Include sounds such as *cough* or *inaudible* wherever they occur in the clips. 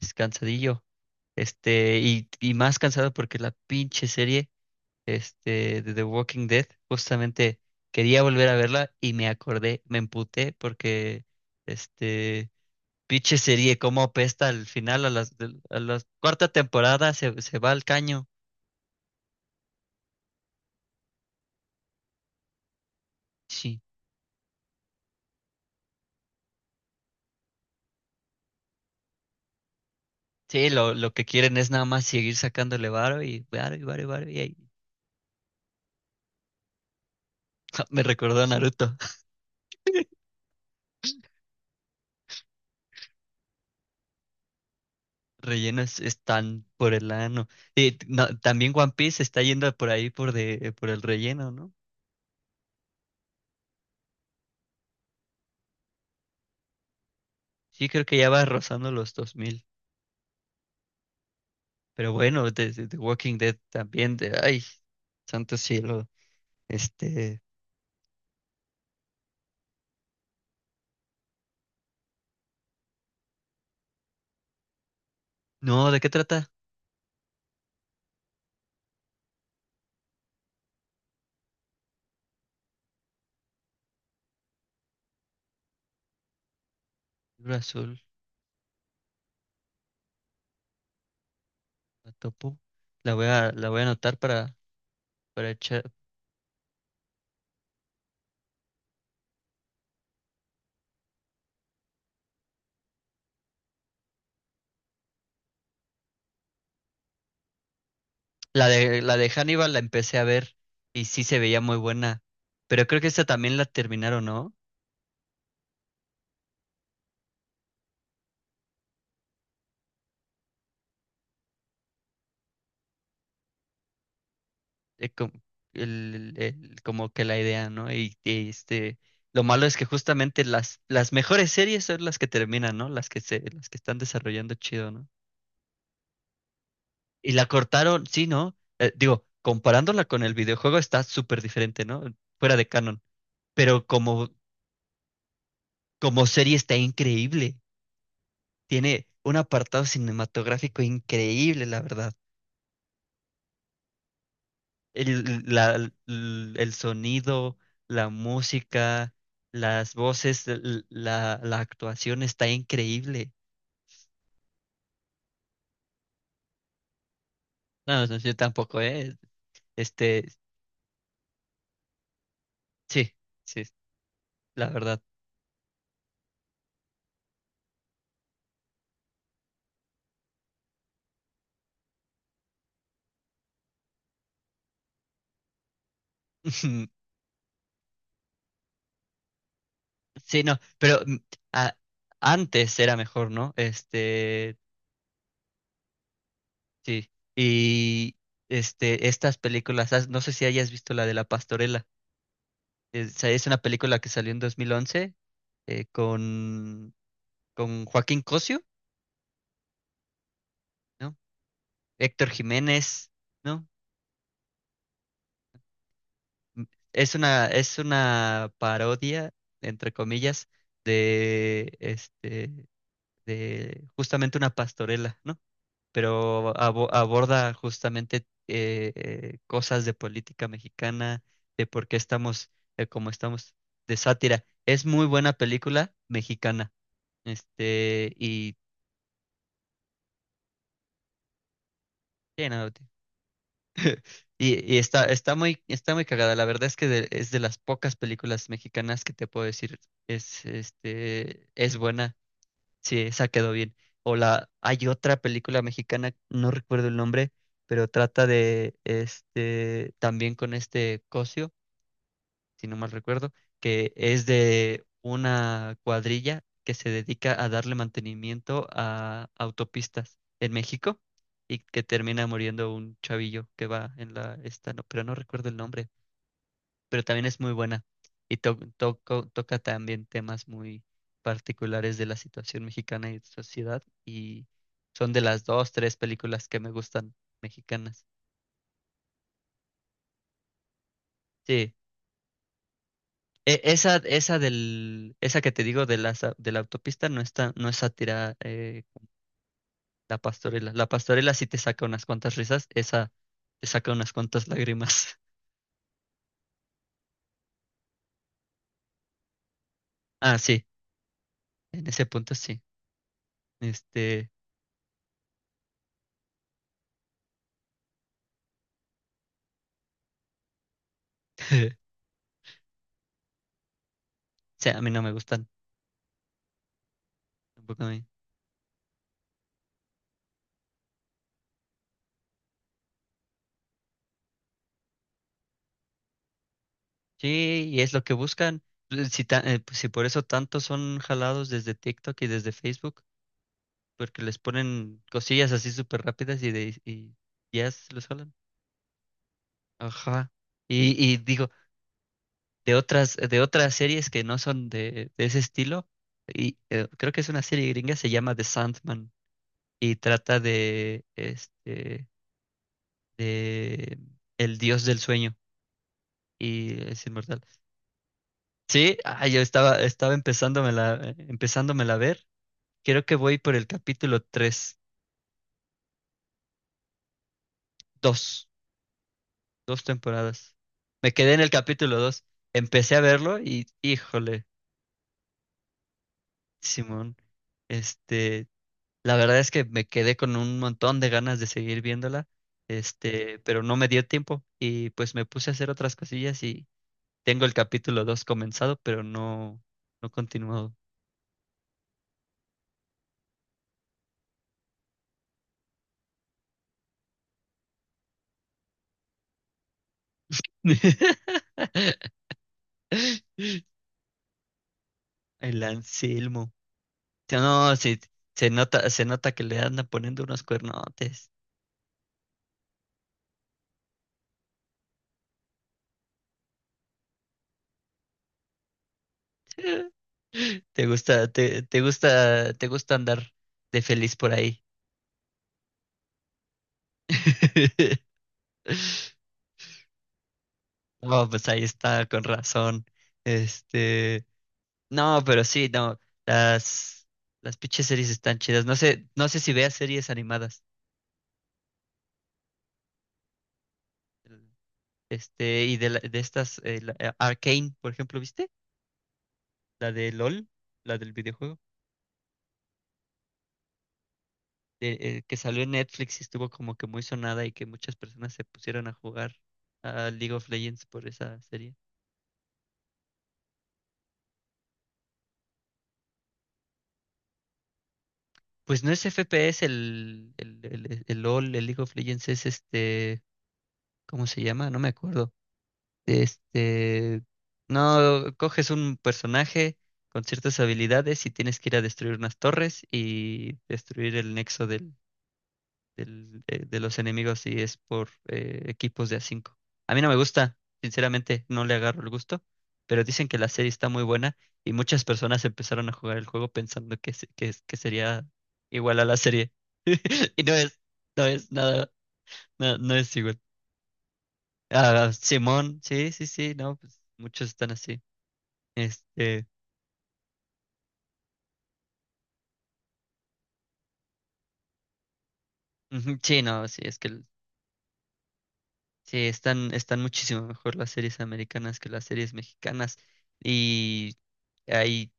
Es cansadillo. Y más cansado porque la pinche serie, de The Walking Dead, justamente quería volver a verla y me acordé, me emputé porque, este, pinche serie, cómo apesta al final, a las, a la cuarta temporada se va al caño. Sí, sí, lo que quieren es nada más seguir sacándole varo y varo y varo y varo y ahí. *laughs* Me recordó a Naruto. Rellenos están por el ano. Y no, también One Piece está yendo por ahí por el relleno, ¿no? Sí, creo que ya va rozando los 2000. Pero bueno, de Walking Dead también de ay, santo cielo. Este, no, ¿de qué trata? Libro azul, la topo. La voy a anotar para echar. La de Hannibal la empecé a ver y sí se veía muy buena. Pero creo que esta también la terminaron, ¿no? eh, com- Como que la idea, ¿no? Lo malo es que justamente las mejores series son las que terminan, ¿no? Las que están desarrollando chido, ¿no? Y la cortaron, sí, ¿no? Digo, comparándola con el videojuego está súper diferente, ¿no? Fuera de canon. Pero como serie está increíble. Tiene un apartado cinematográfico increíble, la verdad. el, la- l- el sonido, la música, las voces, la actuación está increíble. No, no, yo tampoco, ¿eh? Este, sí, sí, la verdad. *laughs* Sí, no, pero a- antes era mejor, ¿no? Sí. Y estas películas, no sé si hayas visto la de La Pastorela. Es una película que salió en 2011 eh, con, con Joaquín Cosio. No, Héctor Jiménez, ¿no? Es una parodia, entre comillas, de este, de justamente una pastorela, ¿no? Pero aborda justamente cosas de política mexicana, de por qué estamos, como estamos, de sátira. Es muy buena película mexicana. Y sí, no, y está, está muy cagada. La verdad es que es de las pocas películas mexicanas que te puedo decir es buena. Sí, esa quedó bien. O hay otra película mexicana, no recuerdo el nombre, pero trata de, también con este Cosio si no mal recuerdo, que es de una cuadrilla que se dedica a darle mantenimiento a autopistas en México y que termina muriendo un chavillo que va en la esta, no, pero no recuerdo el nombre, pero también es muy buena y toca también temas muy particulares de la situación mexicana y sociedad y son de las dos, tres películas que me gustan mexicanas. Sí. Esa que te digo de la autopista no está, no es sátira, la pastorela. La pastorela sí te saca unas cuantas risas, esa te saca unas cuantas lágrimas. *laughs* Ah, sí, en ese punto sí. Este, *laughs* sí, a mí no me gustan. Tampoco a mí. Sí, y es lo que buscan. Pues, si por eso tantos son jalados desde TikTok y desde Facebook, porque les ponen cosillas así súper rápidas y, de, y ya se los jalan. Ajá. Y digo, de otras series que no son de ese estilo. Y creo que es una serie gringa, se llama The Sandman y trata de el dios del sueño y es inmortal. Sí, yo estaba empezándomela, empezándomela a ver. Creo que voy por el capítulo tres. Dos, dos temporadas. Me quedé en el capítulo dos. Empecé a verlo y, híjole, Simón. este, La verdad es que me quedé con un montón de ganas de seguir viéndola, pero no me dio tiempo y pues me puse a hacer otras cosillas y tengo el capítulo dos comenzado, pero no, no continuado. *laughs* El Anselmo. No, sí, se nota que le andan poniendo unos cuernotes. *laughs* Te gusta andar de feliz por ahí. *laughs* No, pues ahí está, con razón. Este. No, pero sí, no. Las, las, pinches series están chidas. No sé si veas series animadas. Y de estas, Arcane, por ejemplo, ¿viste? La de LOL, la del videojuego, que salió en Netflix y estuvo como que muy sonada y que muchas personas se pusieron a jugar a League of Legends por esa serie. Pues no es FPS el LOL, el League of Legends es, ¿cómo se llama? No me acuerdo. Este, no, coges un personaje con ciertas habilidades y tienes que ir a destruir unas torres y destruir el nexo de los enemigos y es por equipos de a 5. A mí no me gusta, sinceramente, no le agarro el gusto, pero dicen que la serie está muy buena y muchas personas empezaron a jugar el juego pensando que, se- que, es- que sería igual a la serie. *laughs* Y no es, no es nada, no, no es igual. Ah, Simón, sí, sí, sí, no, pues muchos están así. Este, ujú, sí, no, sí, es que sí, están muchísimo mejor las series americanas que las series mexicanas. Y hay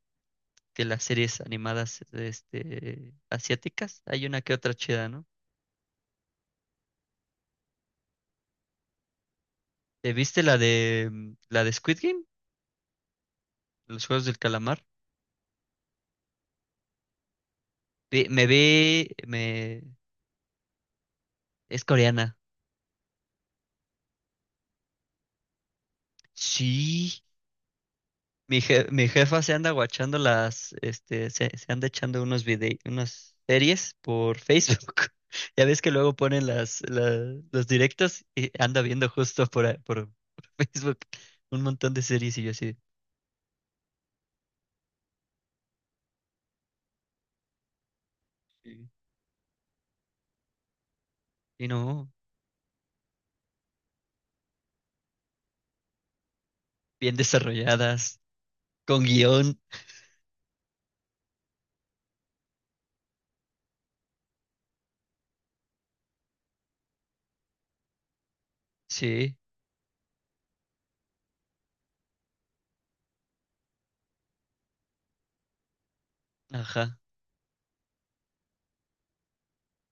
que las series animadas, asiáticas, hay una que otra chida, ¿no? ¿Te viste la de la de Squid Game? Los Juegos del Calamar. Vi- Me ve, me es coreana. Sí. Mi jefa se anda guachando se anda echando unos videos, unas series por Facebook. *laughs* Ya ves que luego ponen las, los directos y anda viendo justo por *laughs* Facebook un montón de series y yo así. Sí. Y no, bien desarrolladas, con guión. Sí, ajá.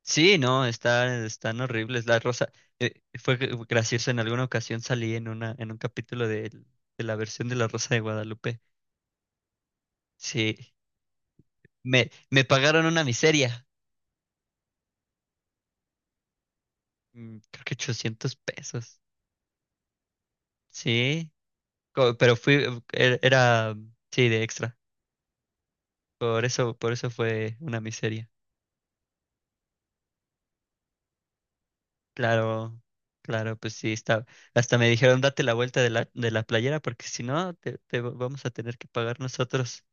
Sí, no, están horribles. La Rosa, fue gracioso, en alguna ocasión salí en un capítulo de la versión de La Rosa de Guadalupe. Sí. Me pagaron una miseria. Creo que 800 pesos. Sí, pero era, sí, de extra. Por eso fue una miseria. Claro, claro, pues sí, está. Hasta me dijeron, date la vuelta de la, playera, porque si no, vamos a tener que pagar nosotros.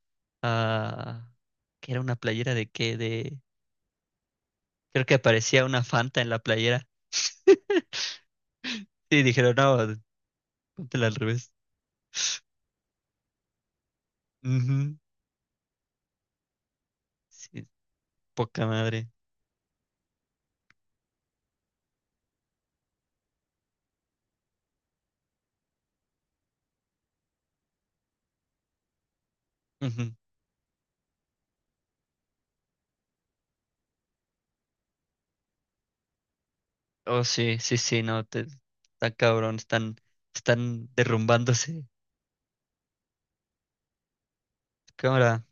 Ah, que era una playera creo que aparecía una Fanta en la playera. *laughs* Sí, dijeron, no, póntela al revés. Ujú. Sí, poca madre. Ujú. Oh, sí, sí, sí, no, está cabrón, están derrumbándose. Cámara.